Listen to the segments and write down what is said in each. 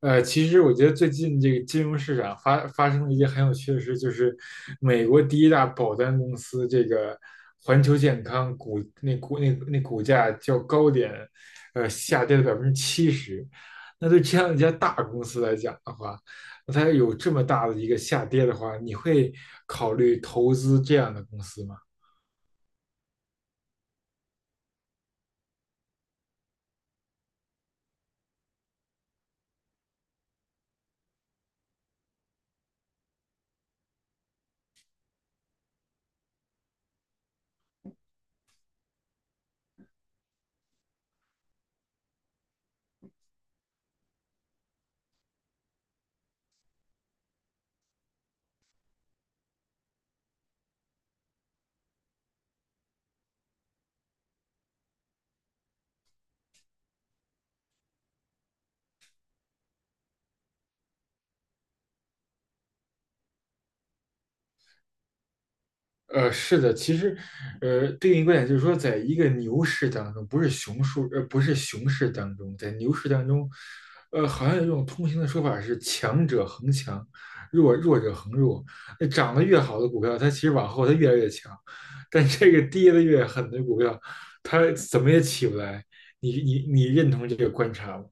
其实我觉得最近这个金融市场发生了一件很有趣的事，就是美国第一大保单公司这个环球健康股那股价较高点，下跌了70%。那对这样一家大公司来讲的话，那它有这么大的一个下跌的话，你会考虑投资这样的公司吗？是的，其实，对应观点就是说，在一个牛市当中，不是熊市，呃，不是熊市当中，在牛市当中，好像有一种通行的说法是强者恒强，弱者恒弱。那涨得越好的股票，它其实往后它越来越强，但这个跌得越狠的股票，它怎么也起不来。你认同这个观察吗？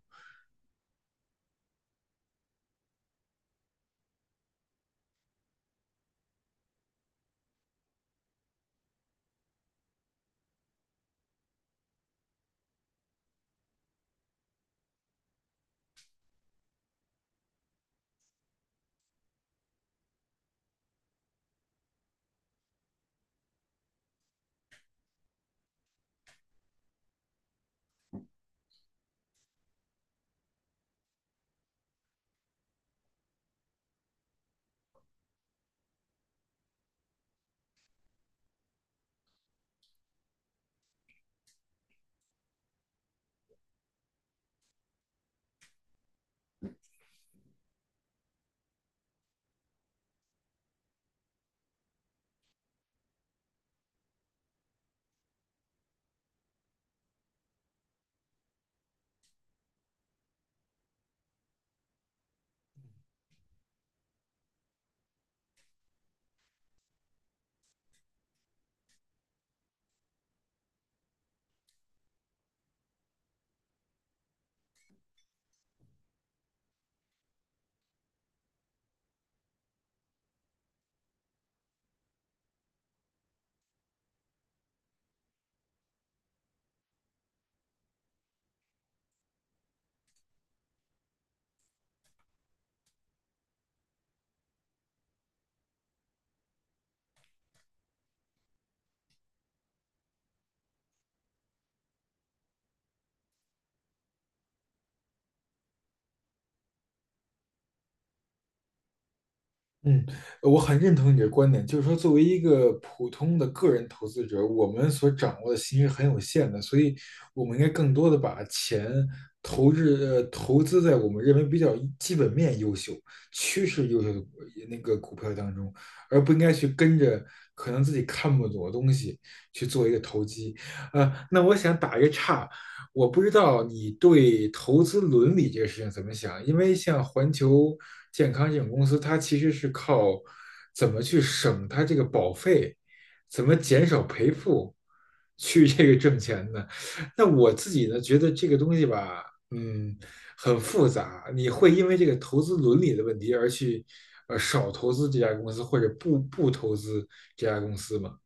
嗯，我很认同你的观点，就是说，作为一个普通的个人投资者，我们所掌握的信息是很有限的，所以我们应该更多的把钱投资在我们认为比较基本面优秀、趋势优秀的那个股票当中，而不应该去跟着可能自己看不懂的东西去做一个投机。那我想打一个岔，我不知道你对投资伦理这个事情怎么想，因为像环球健康这种公司，它其实是靠怎么去省它这个保费，怎么减少赔付，去这个挣钱的。那我自己呢，觉得这个东西吧，嗯，很复杂。你会因为这个投资伦理的问题而去，少投资这家公司或者不投资这家公司吗？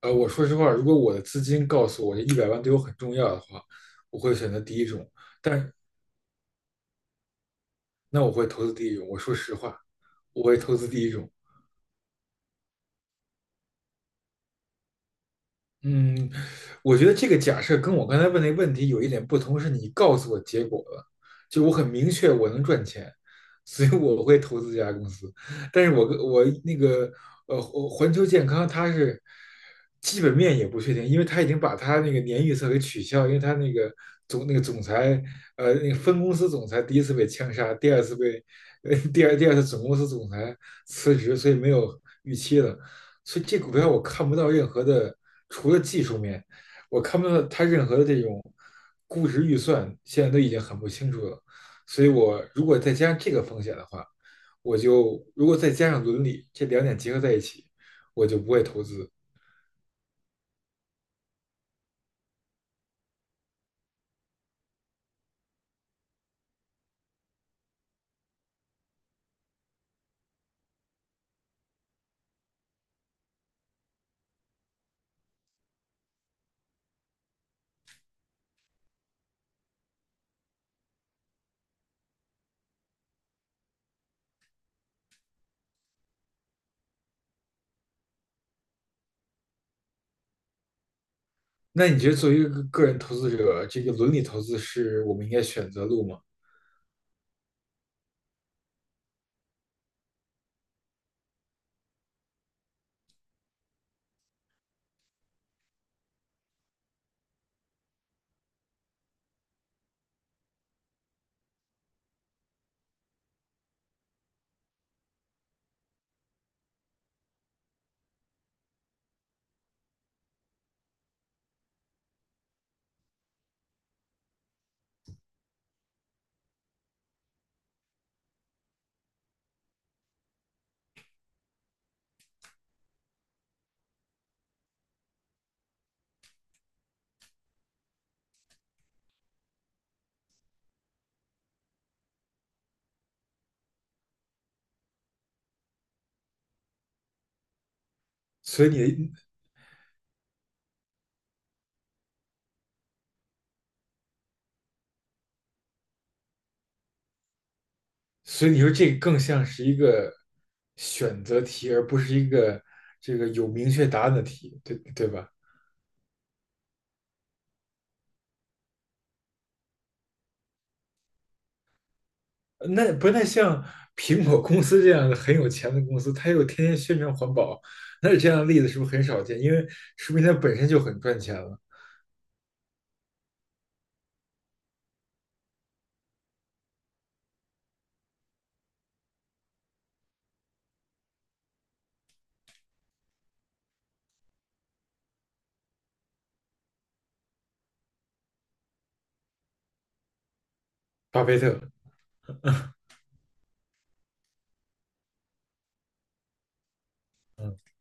我说实话，如果我的资金告诉我这100万对我很重要的话，我会选择第一种。但那我会投资第一种。我说实话，我会投资第一种，嗯，我觉得这个假设跟我刚才问那个问题有一点不同，是你告诉我结果了，就我很明确我能赚钱，所以我会投资这家公司。但是我跟我那个环球健康它是基本面也不确定，因为它已经把它那个年预测给取消，因为它那个总裁那个分公司总裁第一次被枪杀，第二次被第二次总公司总裁辞职，所以没有预期了。所以这股票我看不到任何的。除了技术面，我看不到它任何的这种估值预算，现在都已经很不清楚了。所以我如果再加上这个风险的话，我就如果再加上伦理这两点结合在一起，我就不会投资。那你觉得作为一个个人投资者，这个伦理投资是我们应该选择路吗？所以你，所以你说这个更像是一个选择题，而不是一个这个有明确答案的题，对对吧？那不太像苹果公司这样的很有钱的公司，它又天天宣传环保，那这样的例子是不是很少见？因为说明它本身就很赚钱了。巴菲特，嗯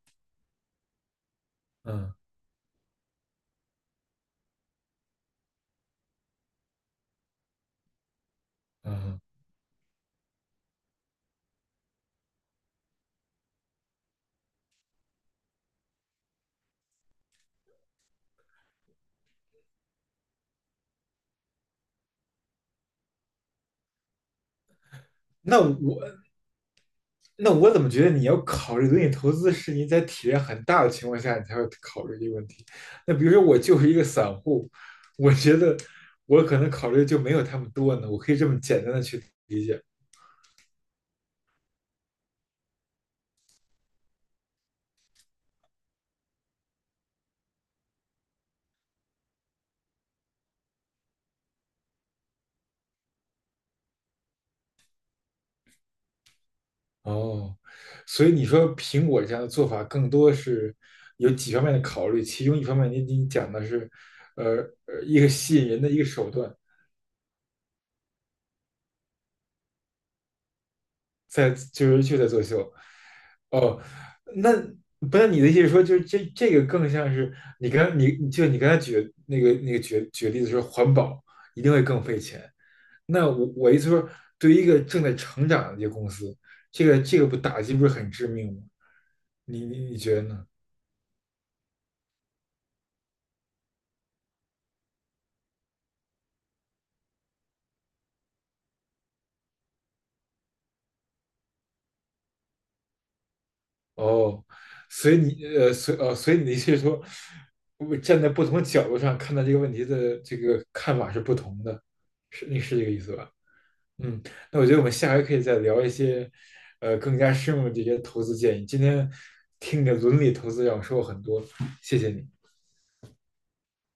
嗯嗯，那我那我怎么觉得你要考虑轮你投资是你在体量很大的情况下你才会考虑这个问题？那比如说我就是一个散户，我觉得我可能考虑就没有他们多呢，我可以这么简单的去理解。哦，所以你说苹果这样的做法更多是有几方面的考虑，其中一方面你讲的是，呃，一个吸引人的一个手段，在就是就在作秀。哦，那不是你的意思是说，就是这个更像是你刚才举的那个例子说环保一定会更费钱。那我意思说，对于一个正在成长的这个公司，这个不打击不是很致命吗？你觉得呢？哦，所以你的意思是说，我站在不同的角度上看待这个问题的这个看法是不同的，是你是这个意思吧？嗯，那我觉得我们下回可以再聊一些，更加深入的这些投资建议。今天听你的伦理投资让我收获很多，谢谢你。